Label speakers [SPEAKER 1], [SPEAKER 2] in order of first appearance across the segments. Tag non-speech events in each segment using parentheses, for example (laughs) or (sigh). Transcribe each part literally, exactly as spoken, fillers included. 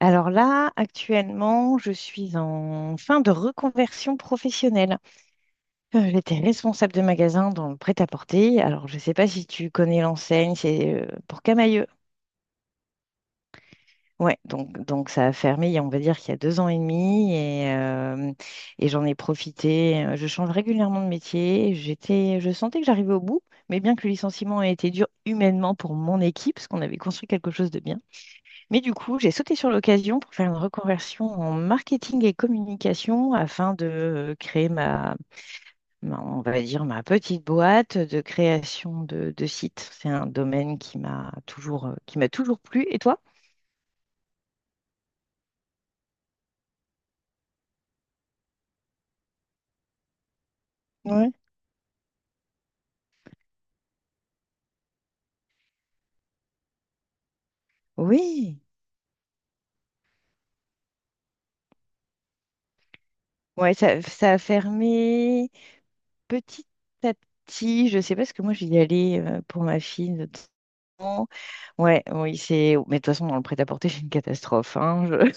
[SPEAKER 1] Alors là, actuellement, je suis en fin de reconversion professionnelle. Euh, J'étais responsable de magasin dans le prêt-à-porter. Alors, je ne sais pas si tu connais l'enseigne, c'est euh, pour Camailleux. Ouais, donc, donc ça a fermé, il y a- on va dire qu'il y a deux ans et demi, et, euh, et j'en ai profité. Euh, Je change régulièrement de métier. J'étais, je sentais que j'arrivais au bout, mais bien que le licenciement ait été dur humainement pour mon équipe, parce qu'on avait construit quelque chose de bien. Mais du coup, j'ai sauté sur l'occasion pour faire une reconversion en marketing et communication afin de euh, créer ma, ma- on va dire, ma petite boîte de création de, de sites. C'est un domaine qui m'a toujours, euh, qui m'a toujours plu. Et toi? Ouais. Oui. Ouais, ça, ça a fermé petit à petit. Je sais pas, parce que moi, j'y allais euh, pour ma fille de temps. Ouais, oui, c'est. Mais de toute façon, dans le prêt-à-porter, c'est une catastrophe, hein. Je-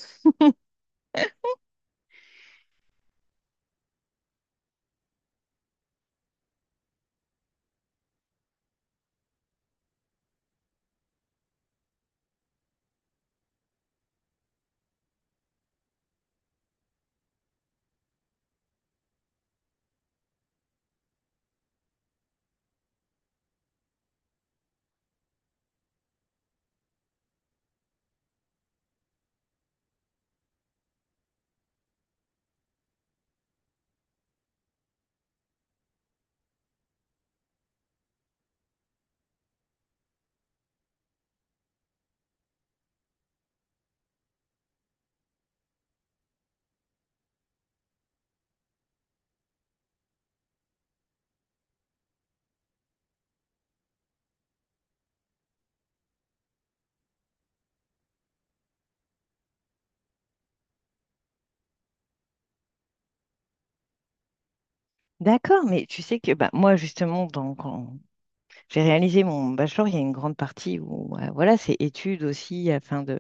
[SPEAKER 1] D'accord, mais tu sais que bah, moi, justement, dans, quand, j'ai réalisé mon bachelor, il y a une grande partie où euh, voilà, c'est études aussi afin de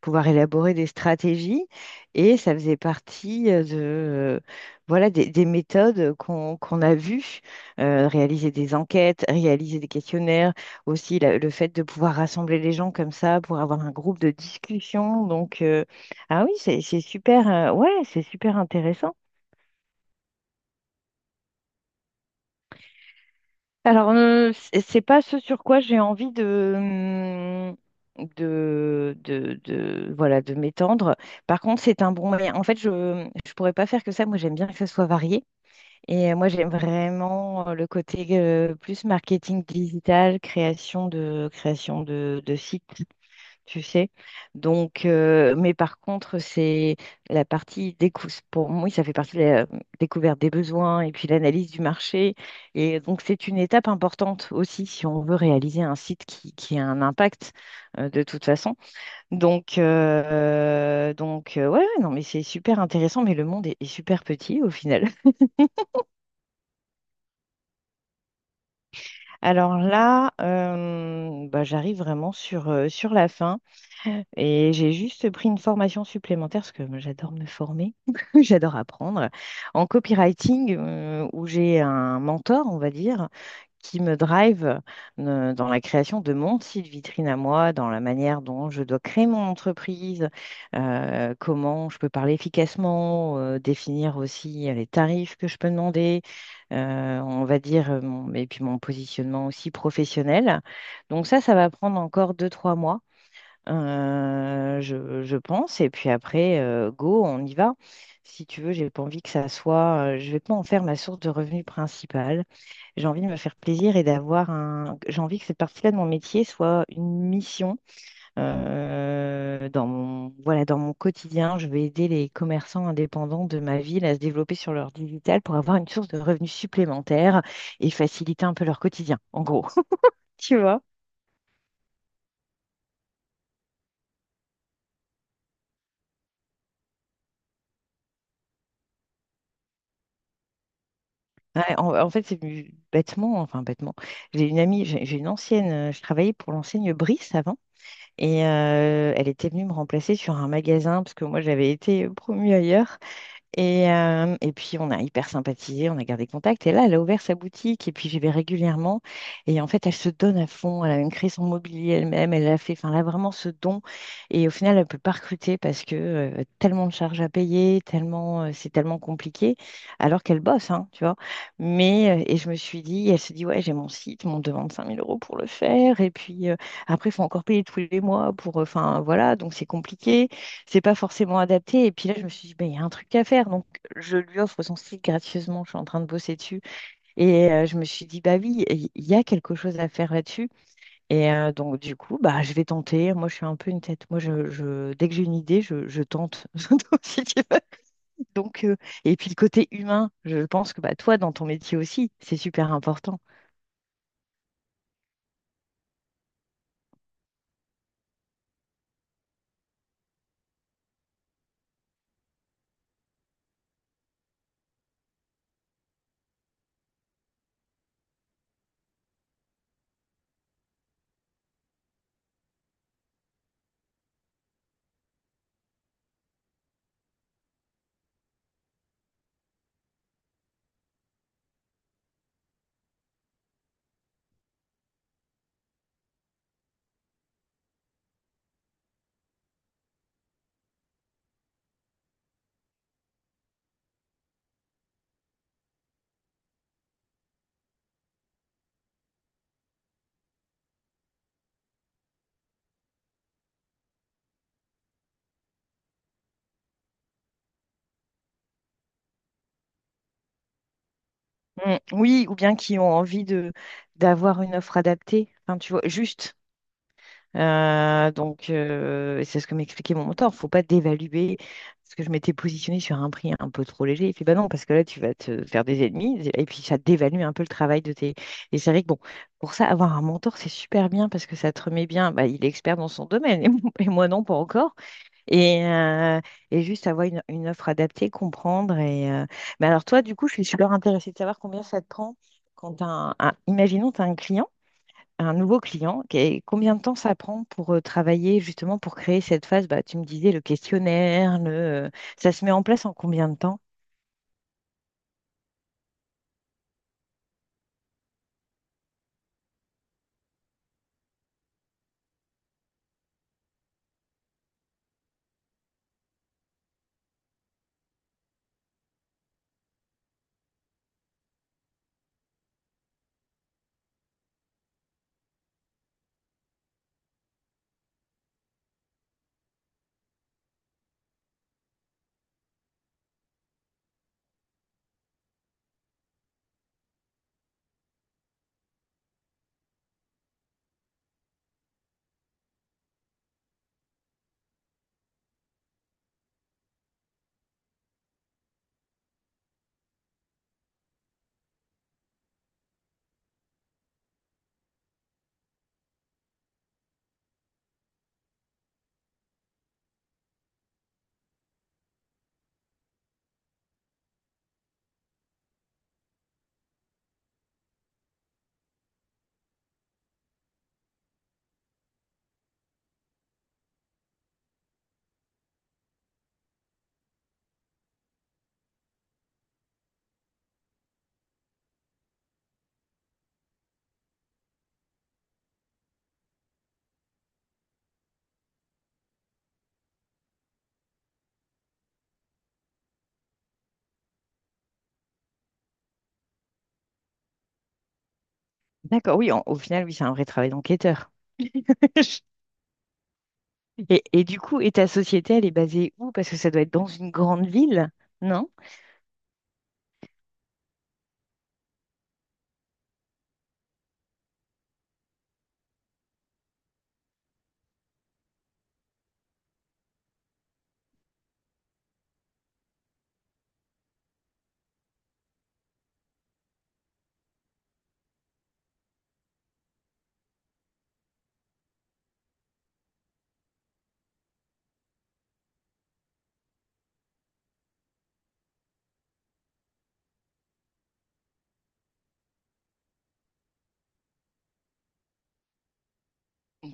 [SPEAKER 1] pouvoir élaborer des stratégies et ça faisait partie euh, de euh, voilà des, des méthodes qu'on qu'on a vues, euh, réaliser des enquêtes, réaliser des questionnaires, aussi la- le fait de pouvoir rassembler les gens comme ça pour avoir un groupe de discussion. Donc euh, ah oui, c'est c'est super euh, ouais, c'est super intéressant. Alors, euh, c'est c'est pas ce sur quoi j'ai envie de, hum, de, de, de- voilà, de m'étendre. Par contre, c'est un bon moyen. En fait, je ne pourrais pas faire que ça. Moi, j'aime bien que ça soit varié. Et euh, moi, j'aime vraiment euh, le côté euh, plus marketing digital, création de, création de, de sites, tu sais. Donc, euh, mais par contre, c'est la partie décou pour moi, ça fait partie de la découverte des besoins et puis l'analyse du marché. Et donc, c'est une étape importante aussi si on veut réaliser un site qui, qui a un impact euh, de toute façon. Donc, euh, donc euh, ouais, ouais, non, mais c'est super intéressant, mais le monde est, est super petit au final. (laughs) Alors là, euh, bah, j'arrive vraiment sur, euh, sur la fin. Et j'ai juste pris une formation supplémentaire parce que moi, j'adore me former, (laughs) j'adore apprendre en copywriting euh, où j'ai un mentor, on va dire, qui me drive euh, dans la création de mon site vitrine à moi, dans la manière dont je dois créer mon entreprise, euh, comment je peux parler efficacement, euh, définir aussi euh, les tarifs que je peux demander, euh, on va dire, euh, mon- et puis mon positionnement aussi professionnel. Donc ça, ça va prendre encore deux, trois mois. Euh, je, je pense. Et puis après, euh, go, on y va. Si tu veux, j'ai pas envie que ça soit. Euh, je vais pas en faire ma source de revenu principale. J'ai envie de me faire plaisir et d'avoir un. J'ai envie que cette partie-là de mon métier soit une mission euh, dans mon voilà dans mon quotidien. Je vais aider les commerçants indépendants de ma ville à se développer sur leur digital pour avoir une source de revenus supplémentaire et faciliter un peu leur quotidien. En gros, (laughs) tu vois. Ouais, en, en fait, c'est venu bêtement, enfin bêtement. J'ai une amie, j'ai j'ai une ancienne, euh, je travaillais pour l'enseigne Brice avant, et euh, elle était venue me remplacer sur un magasin, parce que moi j'avais été promue ailleurs. Et, euh, et puis, on a hyper sympathisé, on a gardé contact. Et là, elle a ouvert sa boutique et puis j'y vais régulièrement. Et en fait, elle se donne à fond. Elle a même créé son mobilier elle-même. Elle a fait, enfin, elle a vraiment ce don. Et au final, elle ne peut pas recruter parce que euh, tellement de charges à payer, tellement, euh, c'est tellement compliqué, alors qu'elle bosse, hein, tu vois. Mais, euh, et je me suis dit, elle se dit, ouais, j'ai mon site, mais on me demande cinq mille euros pour le faire. Et puis, euh, après, il faut encore payer tous les mois pour, euh, enfin, voilà, donc c'est compliqué, c'est pas forcément adapté. Et puis là, je me suis dit, ben, il y a un truc à faire. Donc, je lui offre son site gracieusement. Je suis en train de bosser dessus. Et euh, je me suis dit, bah oui, il y a quelque chose à faire là-dessus. Et euh, donc, du coup, bah, je vais tenter. Moi, je suis un peu une tête. Moi, je, je- dès que j'ai une idée, je, je tente. (laughs) Donc, Si tu veux. Donc, euh, et puis, le côté humain, je pense que bah, toi, dans ton métier aussi, c'est super important. Mm. Oui, ou bien qui ont envie de d'avoir une offre adaptée. Enfin, tu vois, juste Euh, donc, euh, et c'est ce que m'expliquait mon mentor. Faut pas dévaluer parce que je m'étais positionnée sur un prix un peu trop léger. Il fait, bah non, parce que là, tu vas te faire des ennemis et puis ça dévalue un peu le travail de tes. Et c'est vrai que bon, pour ça, avoir un mentor, c'est super bien parce que ça te remet bien. Bah, il est expert dans son domaine, (laughs) et moi et moi non, pas encore. Et, euh, et juste avoir une, une offre adaptée, comprendre. Et, euh, mais alors, toi, du coup, je suis super intéressée de savoir combien ça te prend quand t'as un, un... imaginons, tu as un client un nouveau client, qu'est- combien de temps ça prend pour euh, travailler justement pour créer cette phase? Bah, tu me disais le questionnaire, le... euh, ça se met en place en combien de temps? D'accord, oui, en- au final, oui, c'est un vrai travail d'enquêteur. (laughs) Et, et du coup, et ta société, elle est basée où? Parce que ça doit être dans une grande ville, non?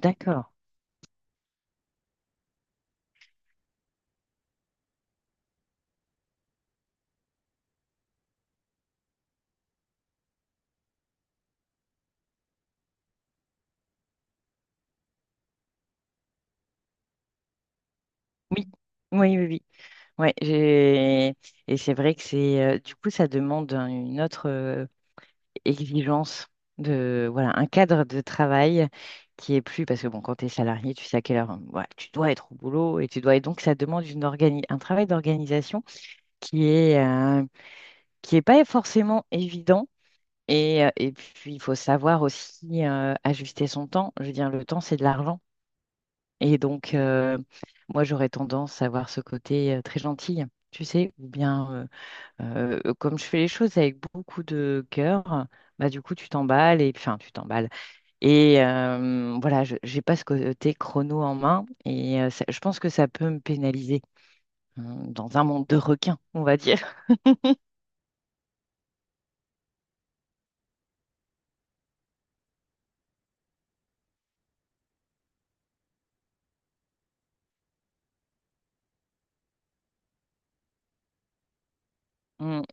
[SPEAKER 1] D'accord. Oui, oui, oui, oui. Ouais, j'ai- et c'est vrai que c'est euh, du coup, ça demande un- une autre euh, exigence de voilà un cadre de travail qui est plus parce que bon quand tu es salarié tu sais à quelle heure, hein, voilà, tu dois être au boulot et tu dois, et donc ça demande une organi- un travail d'organisation qui est euh, qui est pas forcément évident et, euh, et puis il faut savoir aussi euh, ajuster son temps, je veux dire le temps c'est de l'argent et donc euh, moi j'aurais tendance à avoir ce côté euh, très gentil tu sais ou bien euh, euh, comme je fais les choses avec beaucoup de cœur, bah, du coup, tu t'emballes et enfin, tu t'emballes. Et euh, voilà, je n'ai pas ce côté chrono en main et euh, ça- je pense que ça peut me pénaliser, hein, dans un monde de requins, on va dire. (laughs) Mm,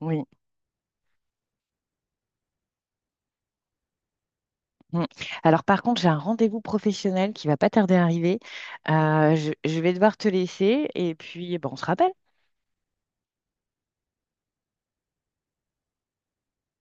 [SPEAKER 1] oui. Mm. Alors par contre, j'ai un rendez-vous professionnel qui va pas tarder à arriver. Euh, je, je vais devoir te laisser et puis bah, on se rappelle.